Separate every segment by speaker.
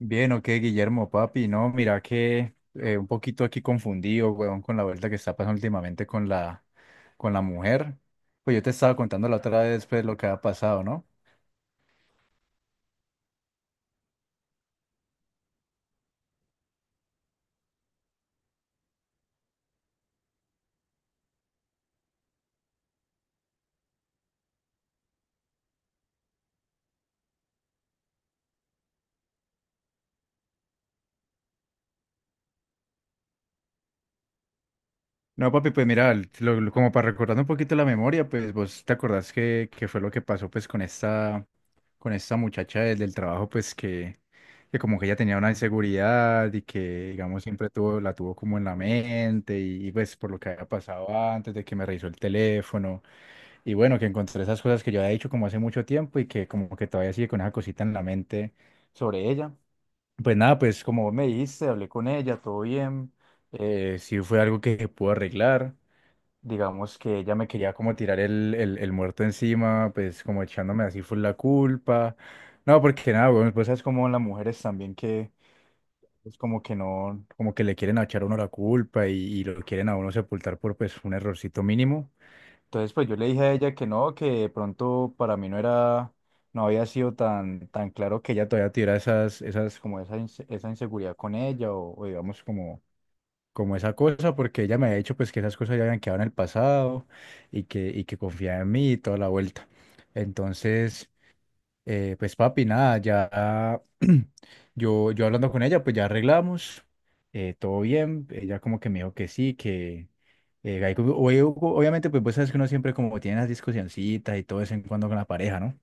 Speaker 1: Bien, ok, Guillermo, papi, no, mira que un poquito aquí confundido, weón, con la vuelta que está pasando últimamente con la mujer. Pues yo te estaba contando la otra vez, pues, lo que ha pasado, ¿no? No, papi, pues mira, como para recordar un poquito la memoria, pues vos te acordás que fue lo que pasó, pues, con esta muchacha del trabajo, pues, que como que ella tenía una inseguridad y que, digamos, siempre tuvo, la tuvo como en la mente y pues, por lo que había pasado antes de que me revisó el teléfono. Y bueno, que encontré esas cosas que yo había dicho como hace mucho tiempo y que como que todavía sigue con esa cosita en la mente sobre ella. Pues nada, pues como vos me dijiste, hablé con ella, todo bien. Sí fue algo que se pudo arreglar. Digamos que ella me quería como tirar el muerto encima, pues como echándome así fue la culpa. No, porque nada, bueno, pues es como las mujeres también que es como que no, como que le quieren echar a uno la culpa y lo quieren a uno sepultar por pues un errorcito mínimo. Entonces, pues yo le dije a ella que no, que de pronto para mí no era, no había sido tan, tan claro que ella todavía tuviera como esa, esa inseguridad con ella o digamos como, como esa cosa, porque ella me había dicho pues que esas cosas ya habían quedado en el pasado y y que confiaba en mí y toda la vuelta. Entonces, pues papi, nada, ya yo hablando con ella, pues ya arreglamos, todo bien, ella como que me dijo que sí, que hay como- oye, Hugo, obviamente pues vos sabes que uno siempre como tiene las discusioncitas y todo de vez en cuando con la pareja, ¿no?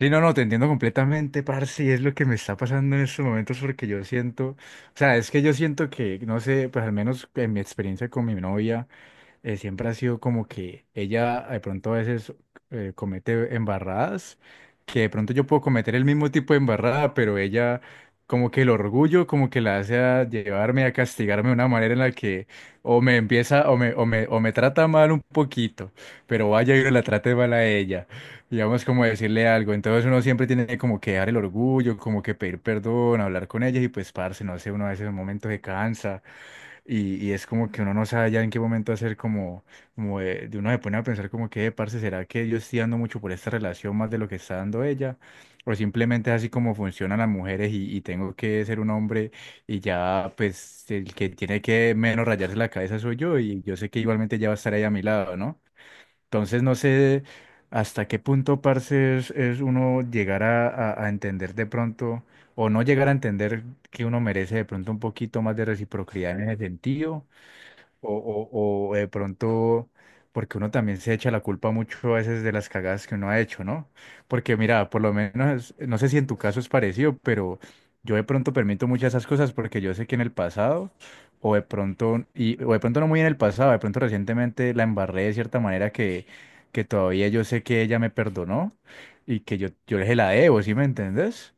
Speaker 1: Sí, no, no, te entiendo completamente, parce, y es lo que me está pasando en estos momentos porque yo siento, o sea, es que yo siento que, no sé, pues al menos en mi experiencia con mi novia, siempre ha sido como que ella de pronto a veces comete embarradas, que de pronto yo puedo cometer el mismo tipo de embarrada, pero ella como que el orgullo como que la hace a llevarme a castigarme de una manera en la que o me empieza o me trata mal un poquito, pero vaya y no la trate mal a ella, digamos como decirle algo, entonces uno siempre tiene como que dar el orgullo, como que pedir perdón, hablar con ella y pues parce, no sé, uno a veces en un momento se cansa y es como que uno no sabe ya en qué momento hacer como, como de uno se pone a pensar como que, parce, ¿será que yo estoy dando mucho por esta relación más de lo que está dando ella? O simplemente es así como funcionan las mujeres y tengo que ser un hombre y ya pues el que tiene que menos rayarse la cabeza soy yo y yo sé que igualmente ya va a estar ahí a mi lado, ¿no? Entonces no sé hasta qué punto, parce, es uno llegar a, a entender de pronto, o no llegar a entender que uno merece de pronto un poquito más de reciprocidad en ese sentido, o, o de pronto, porque uno también se echa la culpa mucho a veces de las cagadas que uno ha hecho, ¿no? Porque mira, por lo menos, no sé si en tu caso es parecido, pero yo de pronto permito muchas de esas cosas porque yo sé que en el pasado, o de pronto, o de pronto no muy en el pasado, de pronto recientemente la embarré de cierta manera que todavía yo sé que ella me perdonó y que yo le la debo, ¿sí me entendés?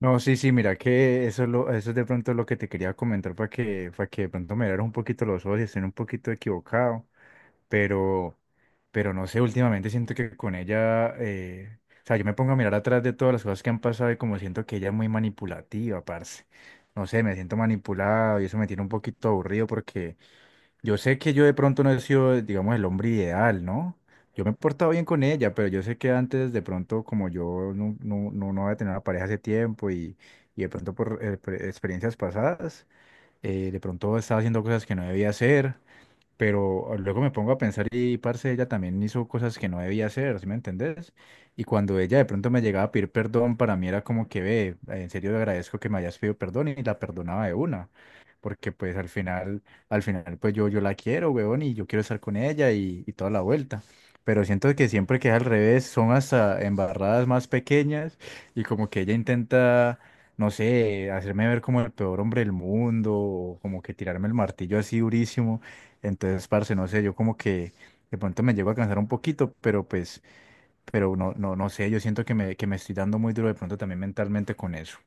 Speaker 1: No, sí, sí, mira que eso es, lo, eso es de pronto lo que te quería comentar para para que de pronto me dieras un poquito los ojos y estén un poquito equivocado, pero, pero no sé, últimamente siento que con ella, o sea, yo me pongo a mirar atrás de todas las cosas que han pasado y como siento que ella es muy manipulativa, parce. No sé, me siento manipulado y eso me tiene un poquito aburrido porque yo sé que yo de pronto no he sido, digamos, el hombre ideal, ¿no? Yo me he portado bien con ella, pero yo sé que antes de pronto, como yo no había tenido una pareja hace tiempo y de pronto por experiencias pasadas, de pronto estaba haciendo cosas que no debía hacer pero luego me pongo a pensar y, parce, ella también hizo cosas que no debía hacer, ¿sí me entendés? Y cuando ella de pronto me llegaba a pedir perdón, para mí era como que, ve, en serio le agradezco que me hayas pedido perdón y la perdonaba de una. Porque pues al final pues yo la quiero, weón, y yo quiero estar con ella y toda la vuelta. Pero siento que siempre que es al revés, son hasta embarradas más pequeñas y como que ella intenta no sé, hacerme ver como el peor hombre del mundo, o como que tirarme el martillo así durísimo. Entonces, parce, no sé, yo como que de pronto me llego a cansar un poquito, pero pues, pero no, no, no sé, yo siento que me estoy dando muy duro de pronto también mentalmente con eso.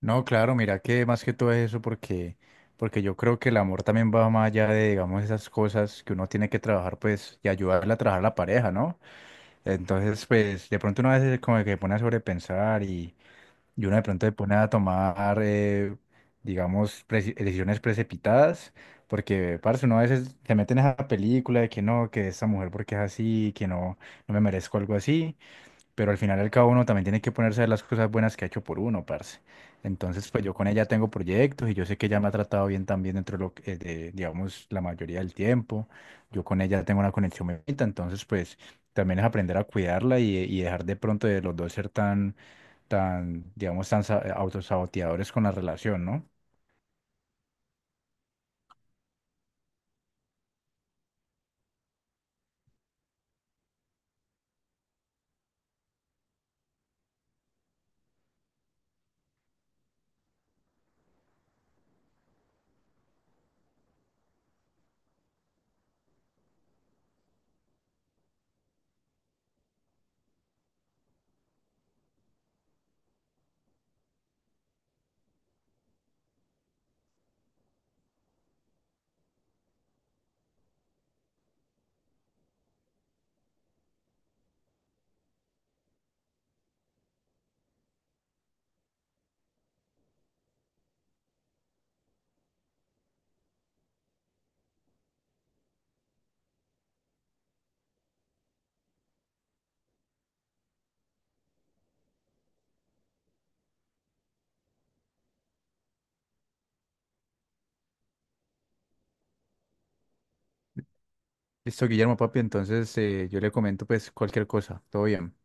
Speaker 1: No, claro, mira que más que todo es eso porque yo creo que el amor también va más allá de, digamos, esas cosas que uno tiene que trabajar, pues, y ayudarle a trabajar a la pareja, ¿no? Entonces, pues, de pronto uno a veces como que se pone a sobrepensar y uno de pronto se pone a tomar, digamos, decisiones precipitadas, porque, parce, uno a veces se mete en esa película de que no, que esta mujer porque es así, que no, no me merezco algo así, pero al final y al cabo uno también tiene que ponerse a ver las cosas buenas que ha hecho por uno, parce. Entonces, pues yo con ella tengo proyectos y yo sé que ella me ha tratado bien también dentro de lo que, digamos, la mayoría del tiempo. Yo con ella tengo una conexión muy bonita, entonces, pues también es aprender a cuidarla y dejar de pronto de los dos ser tan tan, digamos, autosaboteadores con la relación, ¿no? Listo, Guillermo, papi, entonces yo le comento pues cualquier cosa, todo bien.